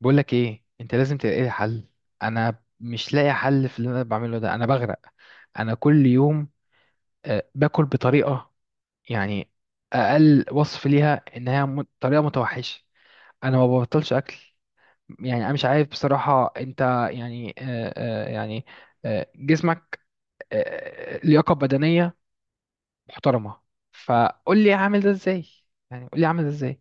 بقول لك ايه، انت لازم تلاقي لي حل. انا مش لاقي حل في اللي انا بعمله ده، انا بغرق. انا كل يوم باكل بطريقه، يعني اقل وصف ليها انها طريقه متوحشه. انا ما ببطلش اكل. يعني انا مش عارف بصراحه، انت يعني جسمك آه، لياقه بدنيه محترمه. فقول لي اعمل ده ازاي. يعني قول لي اعمل ده ازاي.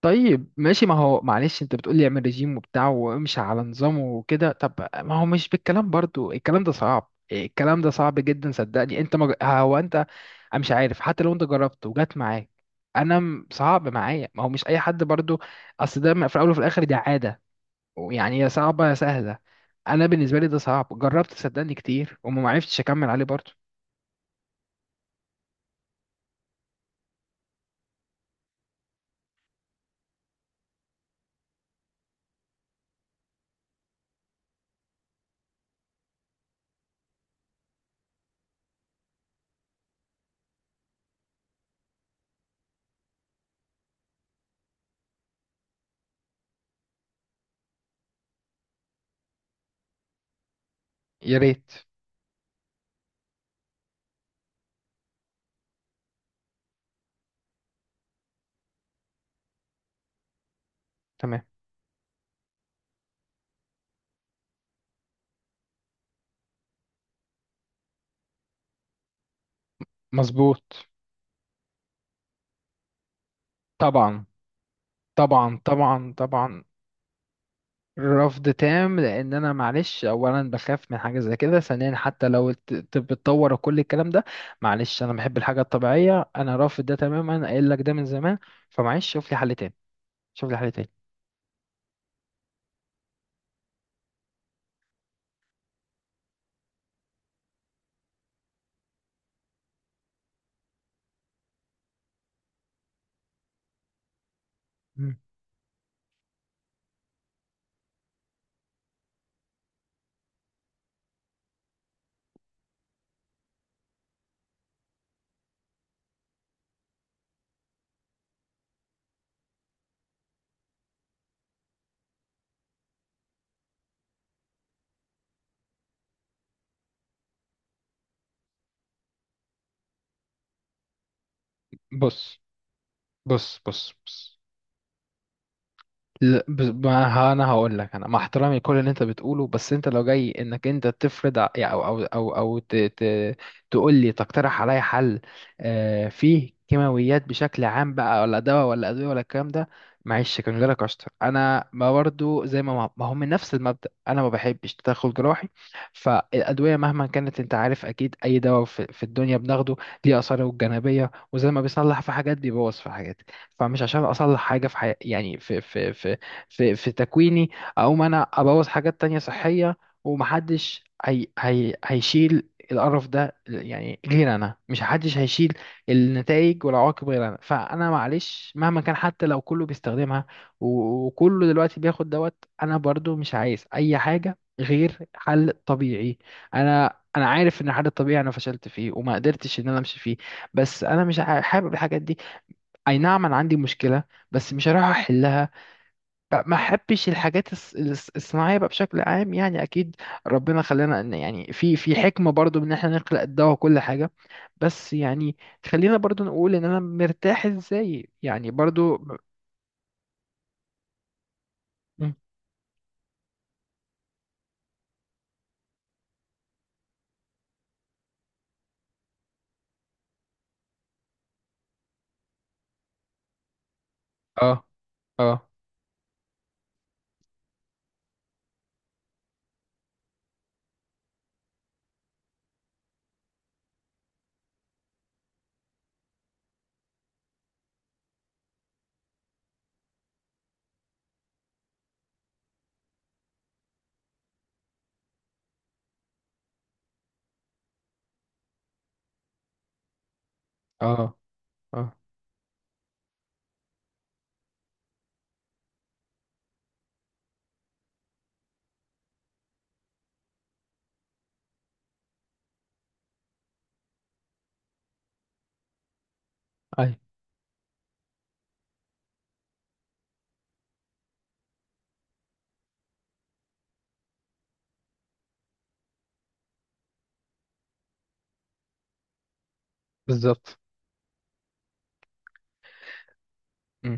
طيب ماشي، ما هو معلش، انت بتقولي اعمل ريجيم وبتاع وامشي على نظامه وكده. طب ما هو مش بالكلام برضو، الكلام ده صعب، الكلام ده صعب جدا صدقني. انت هو انت. انا مش عارف، حتى لو انت جربت وجات معاك، انا صعب معايا، ما هو مش اي حد برضو. اصل ده في الاول وفي الاخر دي عادة، يعني يا صعبة يا سهلة. انا بالنسبة لي ده صعب، جربت صدقني كتير وما عرفتش اكمل عليه برضو. يا ريت. تمام. مظبوط. طبعا، طبعا، طبعا، طبعا. رفض تام، لان انا معلش، اولا بخاف من حاجه زي كده، ثانيا حتى لو الطب اتطور وكل الكلام ده، معلش انا بحب الحاجه الطبيعيه، انا رافض ده تماما، قايل لك ده من زمان. فمعلش شوف لي حل تاني. شوف لي حل تاني. مم. بص، بص، بص، بص. لا، بس- ما ها- انا هقول لك، انا مع احترامي كل اللي انت بتقوله، بس انت لو جاي انك انت تفرض يعني تقول لي، تقترح عليا حل. فيه كيماويات بشكل عام بقى، ولا دواء ولا ادويه ولا الكلام ده، معلش كان جالك اشطر، انا ما برضو زي ما هو من نفس المبدأ، انا ما بحبش تدخل جراحي. فالادويه مهما كانت، انت عارف اكيد اي دواء في الدنيا بناخده ليه اثاره الجانبيه، وزي ما بيصلح في حاجات بيبوظ في حاجات. فمش عشان اصلح حاجه في يعني في تكويني، اقوم انا ابوظ حاجات تانية صحية. ومحدش هي هيشيل القرف ده يعني غير انا، مش محدش هيشيل النتائج والعواقب غير انا. فانا معلش مهما كان، حتى لو كله بيستخدمها وكله دلوقتي بياخد دوت، انا برضو مش عايز اي حاجة غير حل طبيعي. انا عارف ان الحل الطبيعي انا فشلت فيه وما قدرتش ان انا امشي فيه، بس انا مش حابب الحاجات دي. اي نعم انا عندي مشكلة، بس مش هروح احلها بقى، ما احبش الحاجات الصناعيه بقى بشكل عام، يعني اكيد ربنا خلانا ان يعني في حكمه برضو ان احنا نخلق الدواء وكل حاجه، بس يعني خلينا برضو نقول ان انا مرتاح ازاي يعني برضو. م- اه، اه، اه، اه. اي بالظبط. م.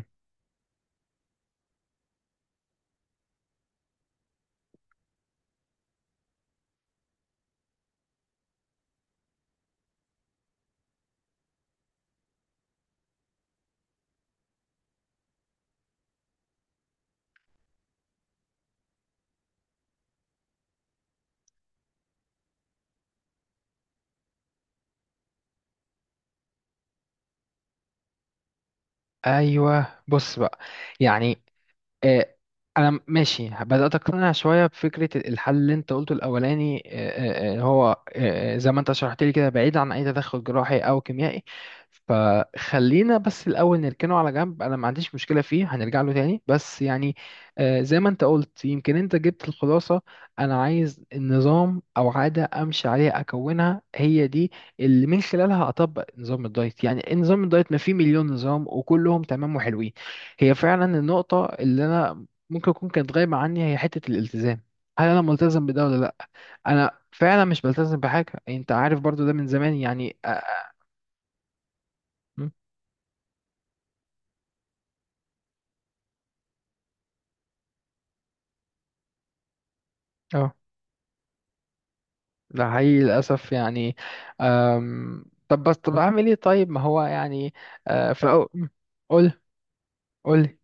ايوه بص بقى، يعني آه، انا ماشي، بدات اقتنع شويه بفكره الحل اللي انت قلته الاولاني. هو زي ما انت شرحت لي كده، بعيد عن اي تدخل جراحي او كيميائي. فخلينا بس الاول نركنه على جنب، انا ما عنديش مشكله فيه، هنرجع له تاني بس يعني. زي ما انت قلت، يمكن انت جبت الخلاصه. انا عايز نظام او عاده امشي عليها، اكونها هي دي اللي من خلالها اطبق نظام الدايت. يعني نظام الدايت ما فيه مليون نظام، وكلهم تمام وحلوين. هي فعلا النقطة اللي أنا ممكن أكون كانت غايبة عني، هي حتة الالتزام. هل أنا ملتزم بده ولا لأ؟ أنا فعلا مش بلتزم بحاجة، يعني أنت عارف برضو ده من زمان يعني م؟ أه، ده حقيقي للأسف يعني. طب بس، طب أعمل إيه؟ طيب ما هو يعني في الأول قول، قول.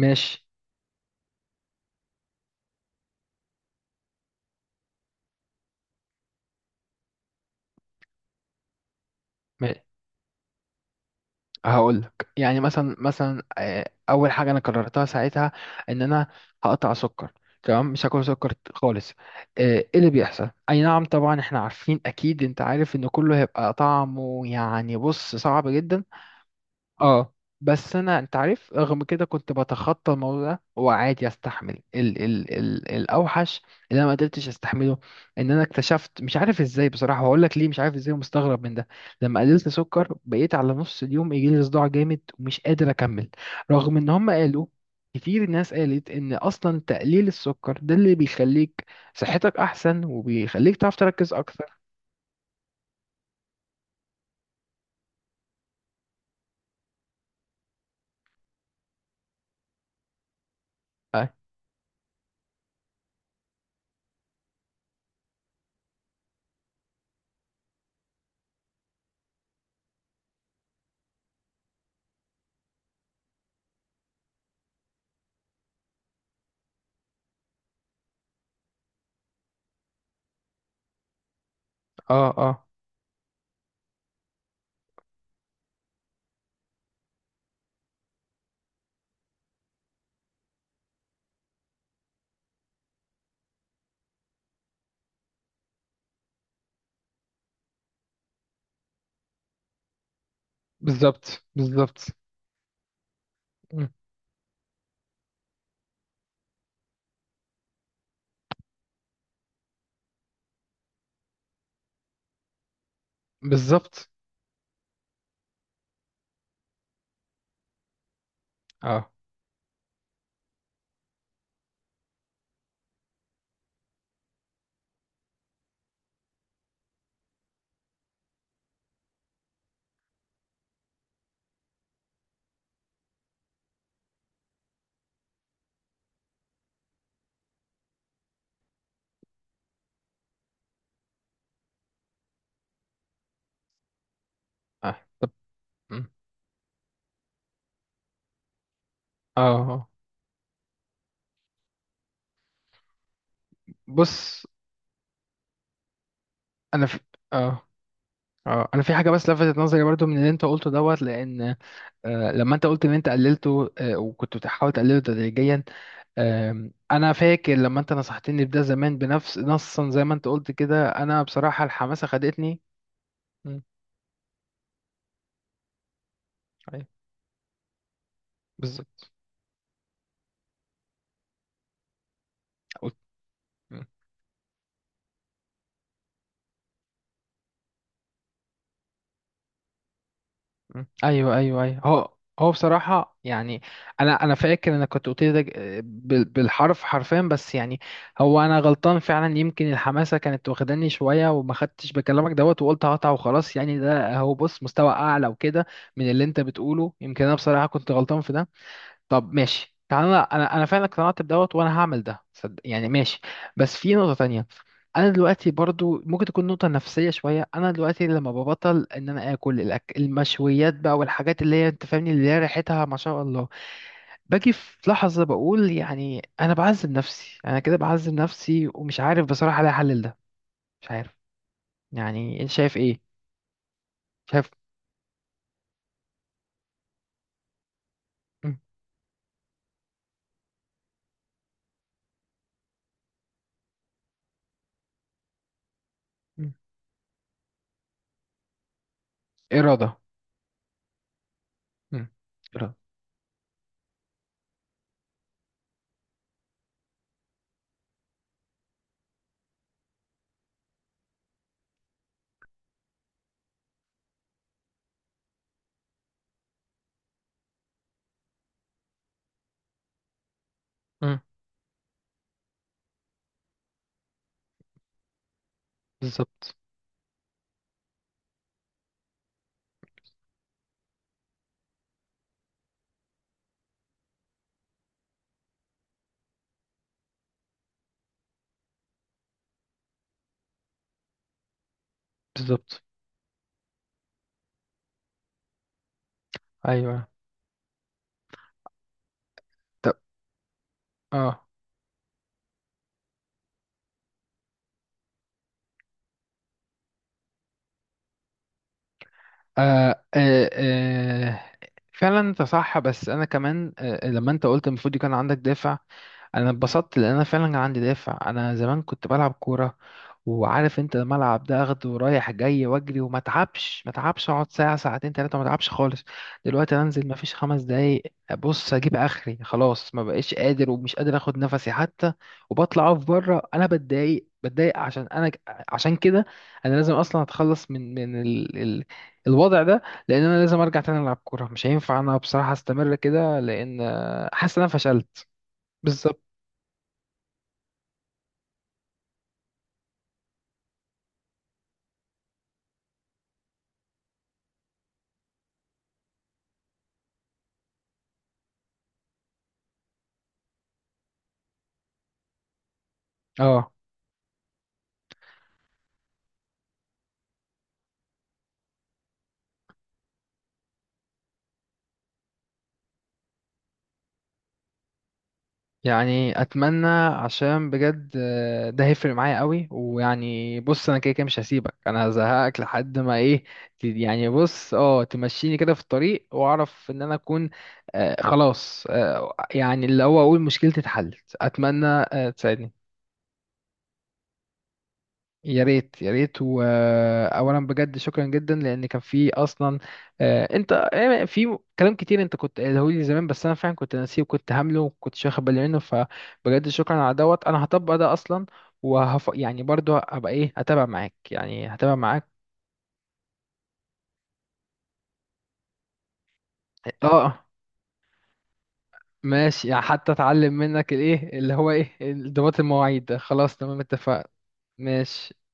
ماشي. هقول لك، يعني مثلا اول حاجه انا قررتها ساعتها ان انا هقطع سكر. تمام مش هاكل سكر خالص. ايه اللي بيحصل؟ اي نعم طبعا احنا عارفين، اكيد انت عارف ان كله هيبقى طعمه يعني بص صعب جدا. اه، بس انا، انت عارف، رغم كده كنت بتخطى الموضوع ده وعادي استحمل ال ال ال الاوحش. اللي انا ما قدرتش استحمله ان انا اكتشفت، مش عارف ازاي بصراحه، هقول لك ليه. مش عارف ازاي، ومستغرب من ده. لما قللت سكر بقيت على نص اليوم يجي لي صداع جامد، ومش قادر اكمل، رغم ان هم قالوا، كتير ناس قالت ان اصلا تقليل السكر ده اللي بيخليك صحتك احسن، وبيخليك تعرف تركز اكتر. اه. اه، آه. بالظبط، بالظبط. مم. بالظبط. اه، اه، طب. مم. اه، آه. بص. انا في اه اه انا في حاجه بس لفتت نظري برضو من اللي انت قلته دوت، لان لما انت قلت ان انت قللته، وكنت بتحاول تقلله تدريجيا، انا فاكر لما انت نصحتني بده زمان بنفس نصا زي ما انت قلت كده، انا بصراحه الحماسه خدتني. مم. أيوة. بالظبط. مم. ايوه، ايوه، ايوه. هو هو بصراحه يعني، انا فاكر انا كنت قلت لي ده بالحرف حرفيا، بس يعني هو انا غلطان فعلا، يمكن الحماسه كانت واخداني شويه، وما خدتش بكلامك دوت وقلت هقطع وخلاص، يعني ده هو، بص مستوى اعلى وكده من اللي انت بتقوله. يمكن انا بصراحه كنت غلطان في ده. طب ماشي، تعالى انا انا أنا فعلا اقتنعت بدوت، وانا هعمل ده صدق يعني، ماشي. بس في نقطة تانية، انا دلوقتي برضو، ممكن تكون نقطة نفسية شوية، انا دلوقتي لما ببطل ان انا اكل المشويات بقى، والحاجات اللي هي انت فاهمني، اللي هي ريحتها ما شاء الله، باجي في لحظة بقول يعني انا بعذب نفسي، انا كده بعذب نفسي، ومش عارف بصراحة الاقي حل لده. مش عارف، يعني انت شايف ايه؟ شايف. مم. مم. إرادة. مم. إرادة. مم. بالظبط، بالظبط. ايوه طب. اه، آه، آه، آه. فعلا انت صح، بس انا كمان لما انت قلت المفروض يكون عندك دافع، انا اتبسطت لان انا فعلا عندي دافع. انا زمان كنت بلعب كوره، وعارف انت، الملعب ده اخده رايح جاي واجري وما اتعبش، ما اتعبش، اقعد ساعه، ساعتين، 3، ما اتعبش خالص. دلوقتي أنا انزل ما فيش 5 دقايق، ابص اجيب اخري، خلاص ما بقيش قادر، ومش قادر اخد نفسي حتى. وبطلع اقف بره، انا بتضايق، بتضايق عشان انا، عشان كده انا لازم اصلا اتخلص من الوضع ده. لان انا لازم ارجع تاني العب كوره، مش هينفع انا بصراحه استمر كده، لان حاسس ان انا فشلت. بالظبط. اه، يعني اتمنى، عشان بجد ده هيفرق معايا قوي، ويعني بص انا كده كده مش هسيبك، انا هزهقك لحد ما ايه يعني، بص اه، تمشيني كده في الطريق، واعرف ان انا اكون خلاص، يعني اللي هو اقول مشكلتي اتحلت. اتمنى تساعدني. يا ريت، يا ريت. واولا بجد شكرا جدا، لان كان في اصلا انت في كلام كتير انت كنت قايله لي زمان، بس انا فعلا كنت ناسيه وكنت هامله وكنتش واخد بالي منه، فبجد شكرا على دوت. انا هطبق ده اصلا، يعني برضو هبقى ايه، هتابع معاك يعني، هتابع معاك. اه، ماشي، يعني حتى اتعلم منك الايه اللي هو ايه، انضباط المواعيد ده. خلاص تمام، اتفقنا. ماشي.